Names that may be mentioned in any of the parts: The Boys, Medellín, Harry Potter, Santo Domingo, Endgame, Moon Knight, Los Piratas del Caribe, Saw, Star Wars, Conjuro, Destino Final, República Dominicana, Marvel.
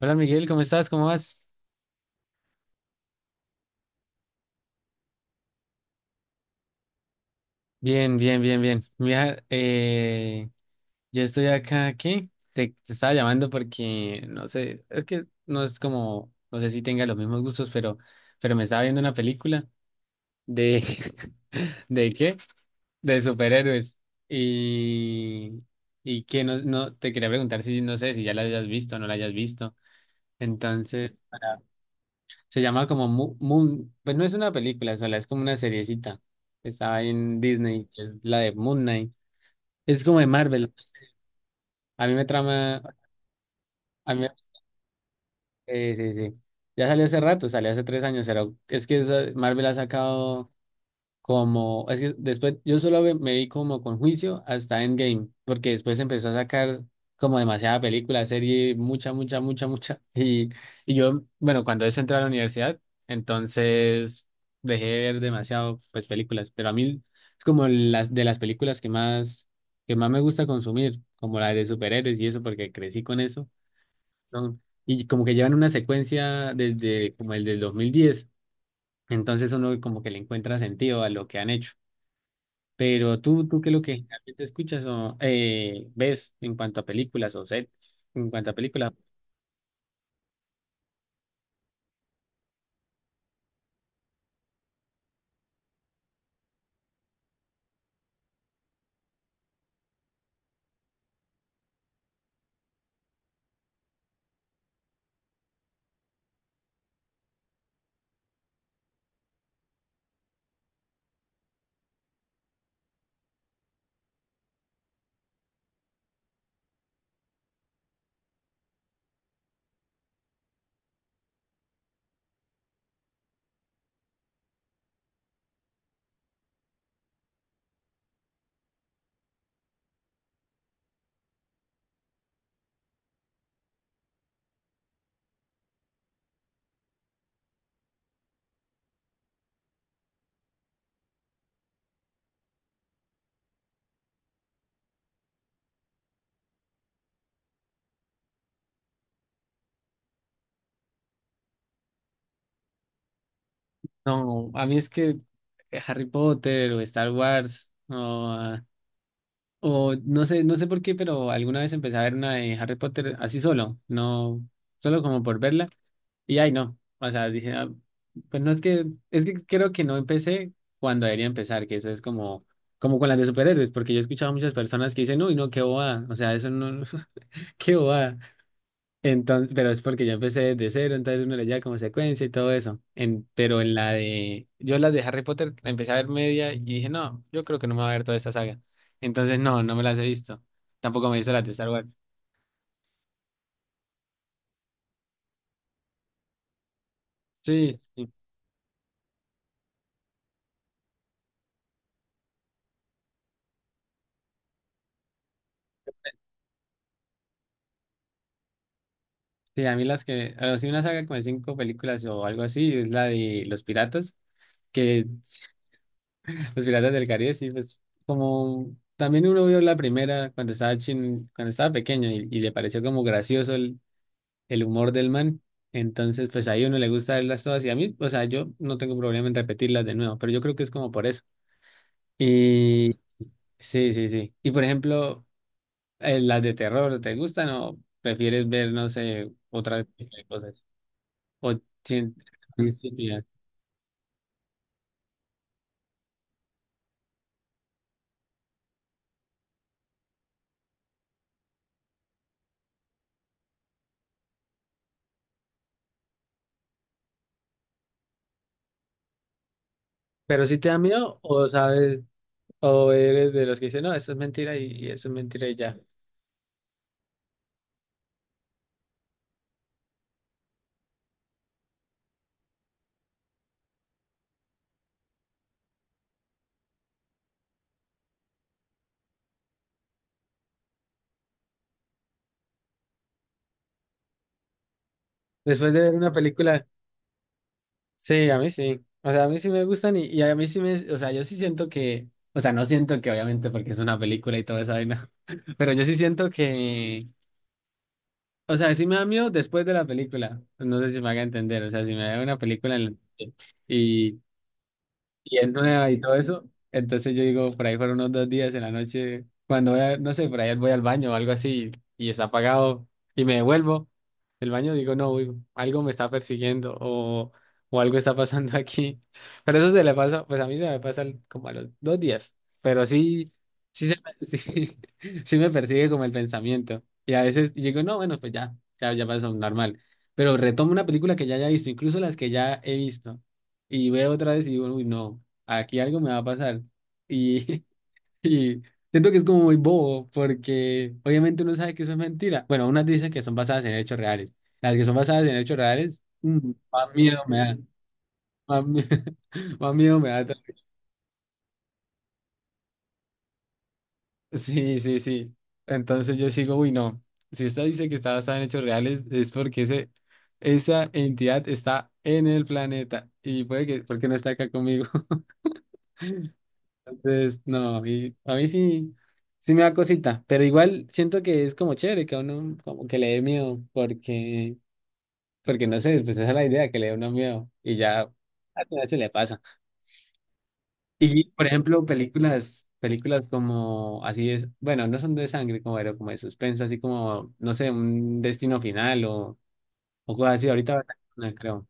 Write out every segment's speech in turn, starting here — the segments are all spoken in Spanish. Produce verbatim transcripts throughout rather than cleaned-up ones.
Hola Miguel, ¿cómo estás? ¿Cómo vas? Bien, bien, bien, bien. Mira, eh, yo estoy acá, ¿qué? Te, te estaba llamando porque, no sé, es que no es como, no sé si tenga los mismos gustos, pero, pero me estaba viendo una película de, ¿de qué? De superhéroes. Y, y que no, no, te quería preguntar si, no sé, si ya la hayas visto o no la hayas visto. Entonces, se llama como Mu- Moon, pues no es una película sola, es como una seriecita. Estaba en Disney, que es la de Moon Knight. Es como de Marvel. A mí me trama, a mí, eh, sí, sí. Sí. Ya salió hace rato, salió hace tres años, pero es que esa- Marvel ha sacado como, es que después yo solo ve- me vi como con juicio hasta Endgame, porque después empezó a sacar como demasiada película, serie, mucha, mucha, mucha, mucha. Y, y yo, bueno, cuando es entrar a la universidad, entonces dejé de ver demasiado, pues, películas, pero a mí es como las de las películas que más, que más me gusta consumir, como la de superhéroes y eso, porque crecí con eso. Son, y como que llevan una secuencia desde como el del dos mil diez, entonces uno como que le encuentra sentido a lo que han hecho. Pero tú, tú qué es lo que generalmente escuchas o eh, ves en cuanto a películas o set, en cuanto a películas. No, a mí es que Harry Potter o Star Wars o, ah, o no sé, no sé por qué, pero alguna vez empecé a ver una de Harry Potter así solo, no, solo como por verla. Y ay, no, o sea, dije, ah, pues no es que, es que, creo que no empecé cuando debería empezar, que eso es como, como con las de superhéroes, porque yo he escuchado a muchas personas que dicen, uy, no, qué bobada, o sea, eso no, qué bobada. Entonces, pero es porque yo empecé de cero, entonces uno le lleva como secuencia y todo eso. En, pero en la de, yo las de Harry Potter la empecé a ver media y dije, no, yo creo que no me va a ver toda esta saga. Entonces, no, no me las he visto. Tampoco me he visto las de Star Wars. Sí, sí, sí, a mí las que, a o sí, una saga con cinco películas o algo así, es la de Los Piratas, que Los Piratas del Caribe, sí, pues como también uno vio la primera cuando estaba chin, cuando estaba pequeño y, y le pareció como gracioso el humor del man. Entonces, pues ahí uno le gusta verlas todas y a mí, o sea, yo no tengo problema en repetirlas de nuevo, pero yo creo que es como por eso. Y sí, sí, sí. Y por ejemplo, eh, las de terror, ¿te gustan o prefieres ver, no sé, otra tipo de cosas? O sin- sin- sin mirar. Pero si te da miedo o sabes, o eres de los que dicen, no, eso es mentira y, y eso es mentira y ya. Después de ver una película... Sí, a mí sí. O sea, a mí sí me gustan y, y a mí sí me, o sea, yo sí siento que, o sea, no siento que obviamente porque es una película y toda esa vaina, pero yo sí siento que, o sea, sí me da miedo después de la película. No sé si me haga entender, o sea, si me da una película en la- y, y es nueva y todo eso. Entonces yo digo, por ahí fueron unos dos días en la noche, cuando voy a- no sé, por ahí voy al baño o algo así y está apagado y me devuelvo del baño, digo, no, uy, algo me está persiguiendo o, o algo está pasando aquí. Pero eso se le pasa, pues a mí se me pasa al- como a los dos días, pero sí, sí, se me- sí, sí me persigue como el pensamiento. Y a veces digo, no, bueno, pues ya, ya, ya pasó normal. Pero retomo una película que ya haya visto, incluso las que ya he visto y veo otra vez y digo, uy, no, aquí algo me va a pasar. Y, y siento que es como muy bobo, porque obviamente uno sabe que eso es mentira. Bueno, unas dicen que son basadas en hechos reales. Las que son basadas en hechos reales, mm, más miedo me dan. Más, mie- más miedo me da. Sí, sí, sí. Entonces yo sigo, uy, no. Si usted dice que está basada en hechos reales, es porque ese, esa entidad está en el planeta. Y puede que, porque no está acá conmigo. Entonces, no, y a mí sí, sí me da cosita, pero igual siento que es como chévere que a uno como que le dé miedo, porque, porque no sé, pues esa es la idea, que le dé uno miedo y ya al final se le pasa. Y por ejemplo, películas, películas como así es, bueno, no son de sangre como, pero como de suspenso, así como, no sé, un destino final o, o cosas así, ahorita no creo.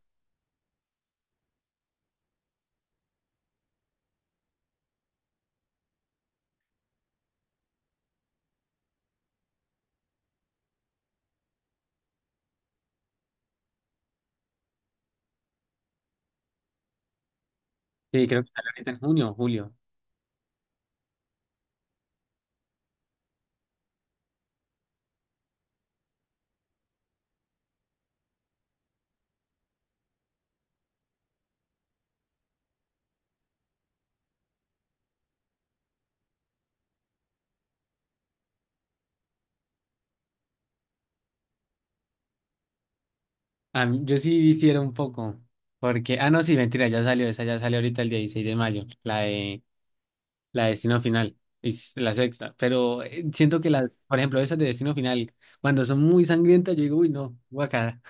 Sí, creo que sale ahorita en junio o julio. A mí- yo sí difiero un poco, porque, ah, no, sí, mentira, ya salió esa, ya salió ahorita el dieciséis de mayo, la de, la de Destino Final, es la sexta, pero eh, siento que las, por ejemplo, esas de Destino Final, cuando son muy sangrientas, yo digo, uy, no, guacala,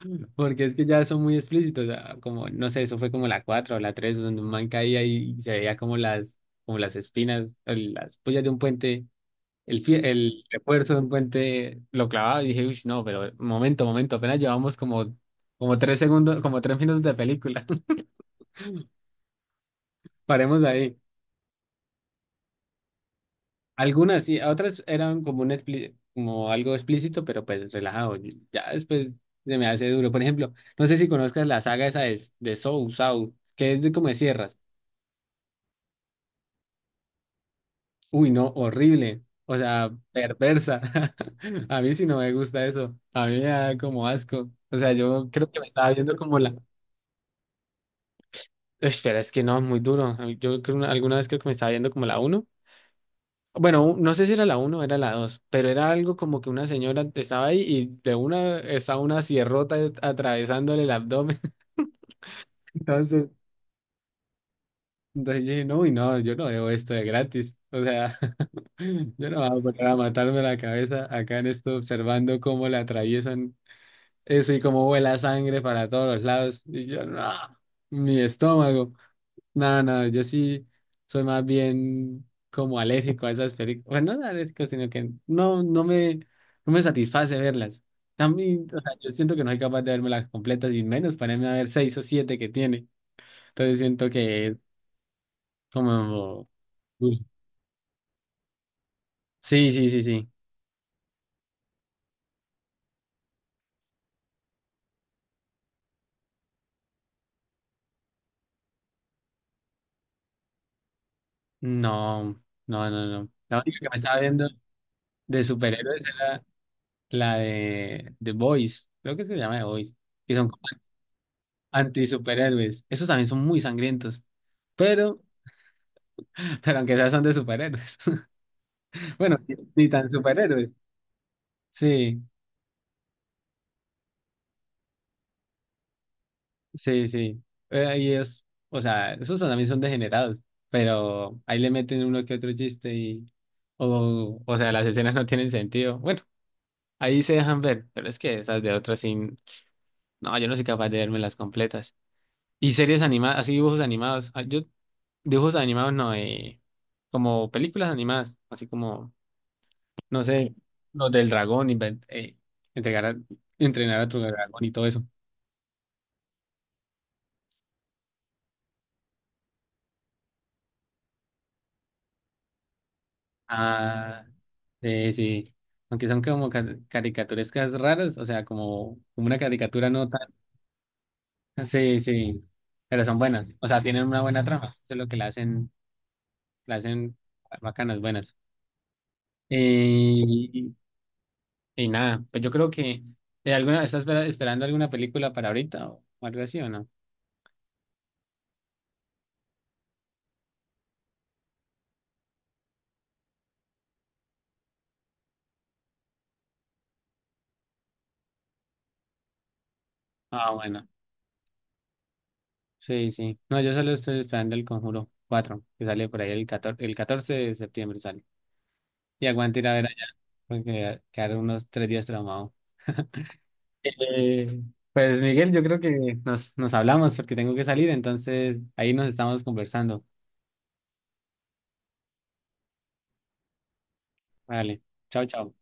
porque es que ya son muy explícitos, ah, como, no sé, eso fue como la cuatro o la tres donde un man caía y se veía como las, como las espinas, o las pullas de un puente, el, fie- el refuerzo de un puente lo clavaba y dije, uy, no, pero momento, momento, apenas llevamos como, como tres segundos, como tres minutos de película. Paremos ahí. Algunas sí, otras eran como un expli- como algo explícito, pero pues relajado. Y ya después se me hace duro. Por ejemplo, no sé si conozcas la saga esa de, de Saw, Saw, que es de como de sierras. Uy, no, horrible. O sea, perversa. A mí sí no me gusta eso. A mí me da como asco. O sea, yo creo que me estaba viendo como la... Espera, es que no, muy duro. Yo creo una- alguna vez creo que me estaba viendo como la uno. Bueno, u- no sé si era la uno o era la dos, pero era algo como que una señora estaba ahí y de una estaba una sierrota atravesándole el abdomen. Entonces, entonces yo dije, no, y no, yo no veo esto de gratis. O sea, yo no voy a poner a matarme la cabeza acá en esto observando cómo le atraviesan eso y cómo vuela sangre para todos los lados. Y yo, no, mi estómago. No, no, yo sí soy más bien como alérgico a esas películas. Bueno, no alérgico, sino que no, no me, no me satisface verlas. También, o sea, yo siento que no soy capaz de verme las completas y menos ponerme a ver seis o siete que tiene. Entonces siento que es como... Uy. Sí, sí, sí, sí. No, no, no, no. La única que me estaba viendo de superhéroes era la de The Boys. Creo que se llama The Boys. Que son como anti-superhéroes. Esos también son muy sangrientos. Pero... Pero aunque sea son de superhéroes. Bueno, ni ni tan superhéroes. Sí, sí, sí. Eh, y es, o sea, esos también son degenerados, pero ahí le meten uno que otro chiste y, o, o sea, las escenas no tienen sentido. Bueno, ahí se dejan ver, pero es que esas de otras sí, no, yo no soy capaz de verme las completas. Y series animadas, así dibujos animados. Ah, yo, dibujos animados no, eh, como películas animadas, así como no sé, los del dragón, inven- eh, entregar a- entrenar a tu dragón y todo eso. Ah, eh, sí. Aunque son como ca- caricaturescas raras, o sea, como, como una caricatura no tan. Sí, sí. Pero son buenas. O sea, tienen una buena trama. Eso es lo que la hacen, la hacen bacanas, buenas. Y, y nada, pues yo creo que. eh, alguna, ¿estás espera- esperando alguna película para ahorita o algo así o no? Ah, bueno. Sí, sí. No, yo solo estoy esperando el Conjuro cuatro, que sale por ahí el catorce, el catorce de septiembre sale. Y aguante ir a ver allá, porque quedaron unos tres días traumado. Eh, pues Miguel, yo creo que nos, nos hablamos porque tengo que salir, entonces ahí nos estamos conversando. Vale, chao, chao.